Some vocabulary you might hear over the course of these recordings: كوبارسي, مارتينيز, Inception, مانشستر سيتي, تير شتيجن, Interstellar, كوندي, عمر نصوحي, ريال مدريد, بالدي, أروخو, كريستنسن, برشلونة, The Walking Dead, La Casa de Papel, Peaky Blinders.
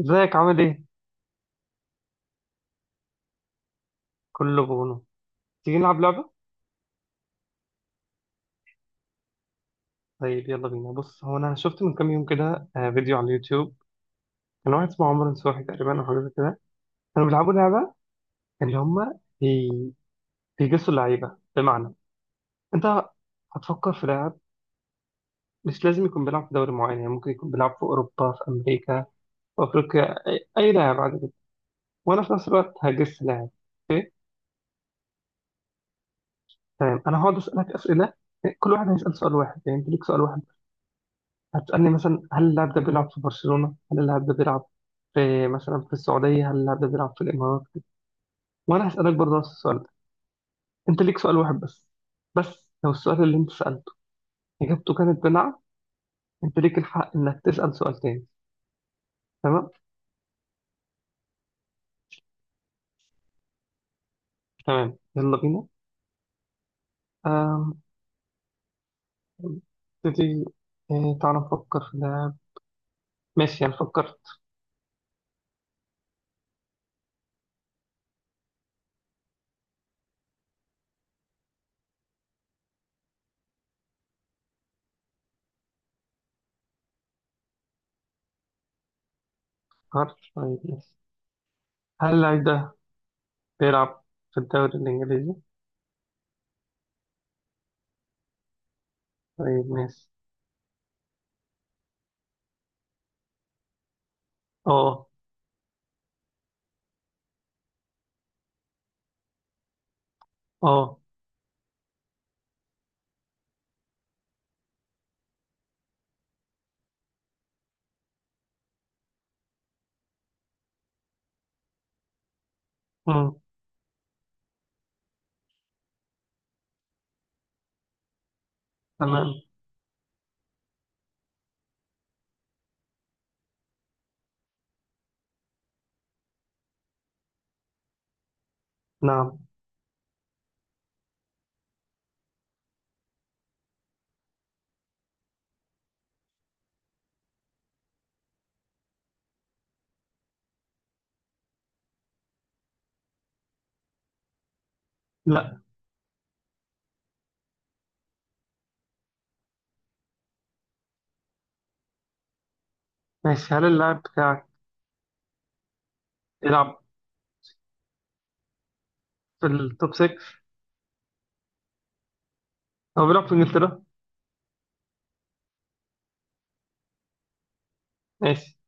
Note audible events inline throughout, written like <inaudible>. ازيك؟ عامل ايه؟ كله بونو. تيجي نلعب لعبة؟ طيب يلا بينا. بص، هو انا شفت من كام يوم كده فيديو على اليوتيوب. كان واحد اسمه عمر نصوحي تقريبا او حاجة زي كده. كانوا بيلعبوا لعبة، اللي هم بي... بيجسوا اللعيبة. بمعنى، انت هتفكر في لاعب، مش لازم يكون بيلعب في دوري معين، يعني ممكن يكون بيلعب في اوروبا، في امريكا، في افريقيا، أي لاعب عادي جدا. وانا في نفس الوقت هجس لاعب. اوكي. تمام، انا هقعد اسالك اسئلة. كل واحد هيسال سؤال واحد، يعني انت ليك سؤال واحد. هتسألني مثلا: هل اللاعب ده بيلعب في برشلونة؟ هل اللاعب ده بيلعب في مثلا في السعودية؟ هل اللاعب ده بيلعب في الإمارات؟ وأنا هسألك برضه نفس السؤال ده. أنت ليك سؤال واحد بس، بس لو السؤال اللي أنت سألته إجابته كانت بنعم، أنت ليك الحق إنك تسأل سؤال تاني. تمام؟ تمام، يلا بينا. آم، نبتدي. تعالى نفكر في اللاعب. ماشي، أنا فكرت. فكرت، طيب ماشي. هل اللاعب ده بيلعب في الدوري الإنجليزي؟ طيب ماشي. أه. أه. مم. تمام. نعم. لا. ماشي، هل اللاعب بتاعك بيلعب في التوب 6؟ هو بيلعب في انجلترا. ماشي،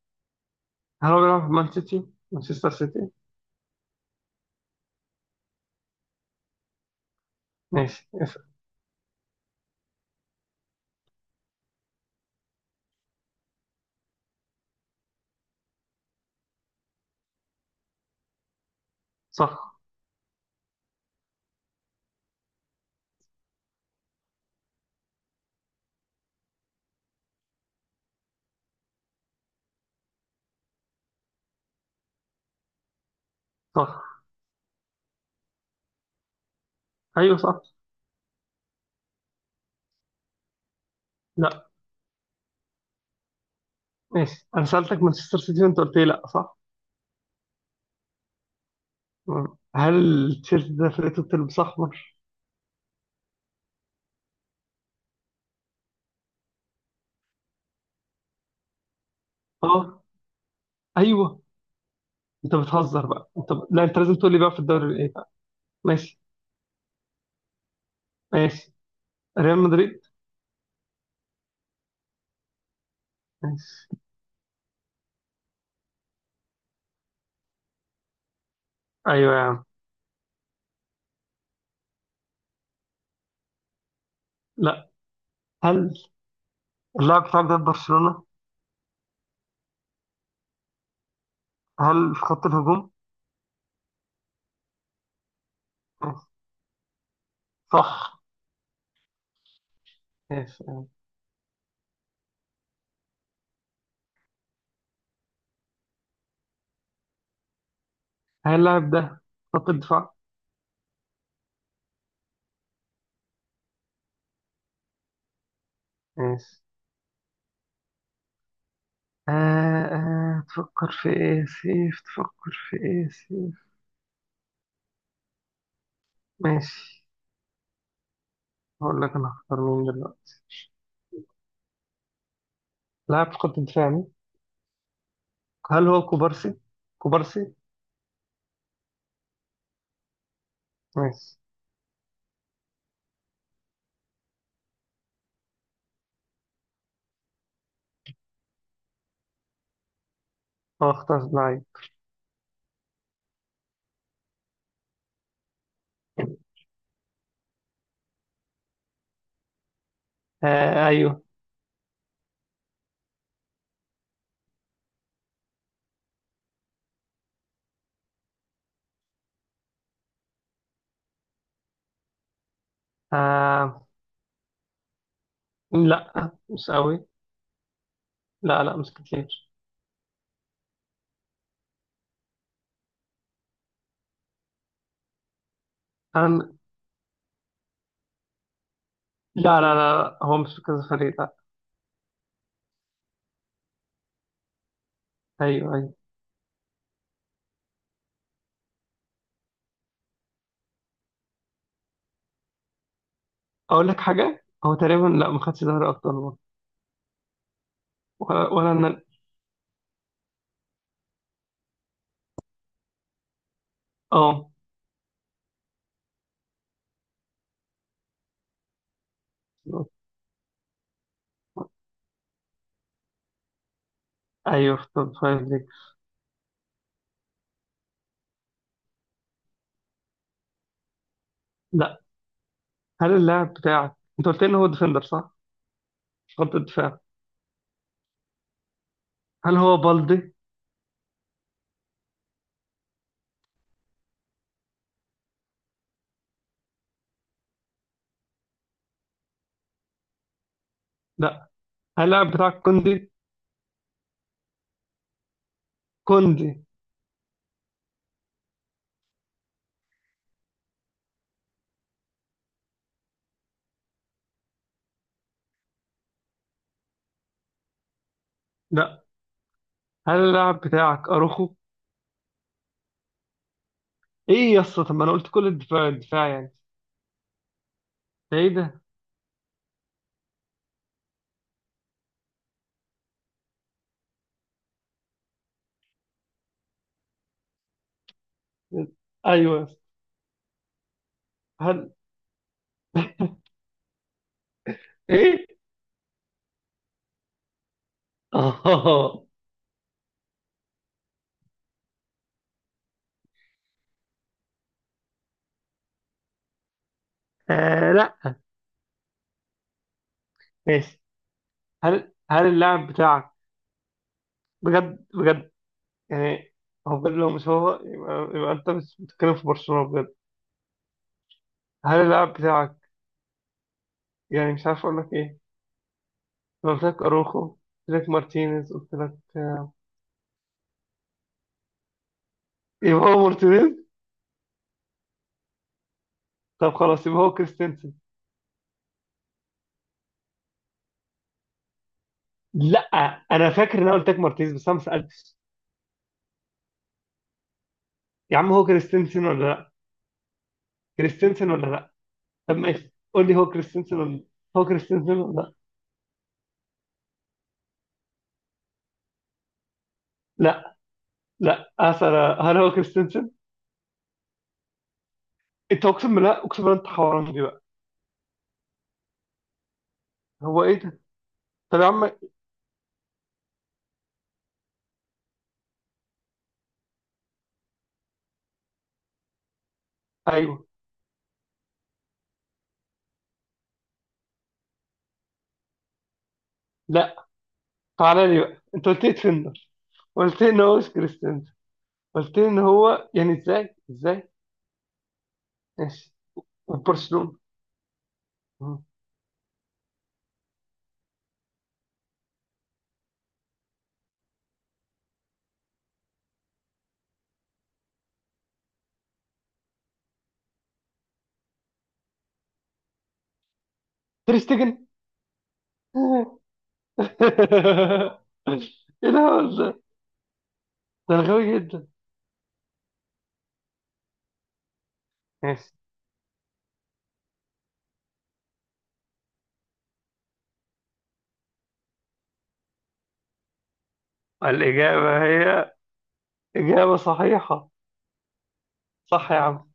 هل هو بيلعب في مان سيتي، مانشستر سيتي؟ ماشي، اسأل. صح. صح. ايوه صح. لا. ماشي، انا سألتك مانشستر سيتي وانت قلت لي لا، صح؟ مم. هل التيشيرت ده فرقته بتلبس احمر؟ اه. ايوه. انت بتهزر بقى، انت لا، انت لازم تقول لي بقى في الدوري ايه بقى. ماشي. ماشي، ريال مدريد. ماشي. ايوه يا عم. لا، هل اللاعب بتاعك ده في برشلونة؟ هل في خط الهجوم؟ ماشي. صح. ماشي. هل اللاعب ده خط الدفاع؟ ماشي. آه. آه، تفكر في ايه سيف؟ تفكر في ايه سيف؟ ماشي، هقول لك انا هختار مين دلوقتي. لاعب في خط الدفاع مين؟ هل هو كوبارسي؟ كوبارسي. ماشي. هو اختار لاعب. آه ايوه. آه، لا مش قوي. لا لا، مش كتير. أنا، لا لا لا، هو مش في كذا فريق، لا. ايوه ايوه. اقول لك حاجه، هو تقريبا لا، ما خدش دوري ابطال برضه. ولا انا. اه. ايوه، في توب فايف. لا. هل اللاعب بتاعك انت قلت ان هو ديفندر، صح؟ خط الدفاع. هل هو بالدي؟ لا. هل اللاعب بتاعك كوندي؟ كوندي. لا. هل اللاعب بتاعك اروخو؟ ايه يا اسطى، طب ما انا قلت كل الدفاع، الدفاع يعني، ده ايه ده؟ ايوه يا اسطى. هل؟ ايه؟ <laughs> اه. لا. ماشي. هل اللاعب بتاعك، بجد بجد يعني، هو بجد؟ لو مش هو، يبقى انت مش بتتكلم في برشلونة بجد. هل اللاعب بتاعك، يعني مش عارف اقول لك ايه، أنا قلت لك أروخو، قلت لك مارتينيز، قلت لك يبقى هو مارتينيز. طب خلاص، يبقى هو كريستنسن. لا. أنا فاكر إن أنا قلت لك مارتينيز بس أنا ما سألتش. يا عم، هو كريستنسن ولا لا؟ كريستنسن ولا لا؟ طب ماشي، قول لي هو كريستنسن ولا. هو كريستنسن ولا لا؟ لا لا أسأل، هل هو كريستنسن؟ أنت، أقسم بالله أقسم بالله، أنت حوران دي بقى. هو إيه ده؟ طب يا عم. أيوه. لا. تعالى لي بقى، أنت قلت لي ديفندر، قلت لي إن هو مش كريستنسن، قلت لي إن هو، يعني إزاي إزاي. ماشي. برشلونة. تير شتيجن. <laughs> ايه الهبل ده. ده أنا غبي جدا. ماشي. الإجابة هي إجابة صحيحة. صح يا عم.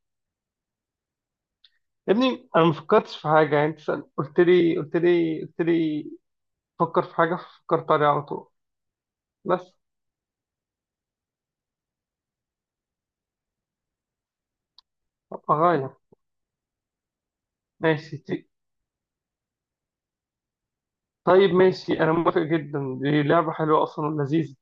يا ابني أنا ما فكرتش في حاجة يعني، أنت قلت لي، قلت لي، قلت لي فكر في حاجة، فكرت عليها على طول بس. أبقى غايب. ماشي طيب، ماشي، أنا موافق جدا، دي لعبة حلوة أصلا ولذيذة.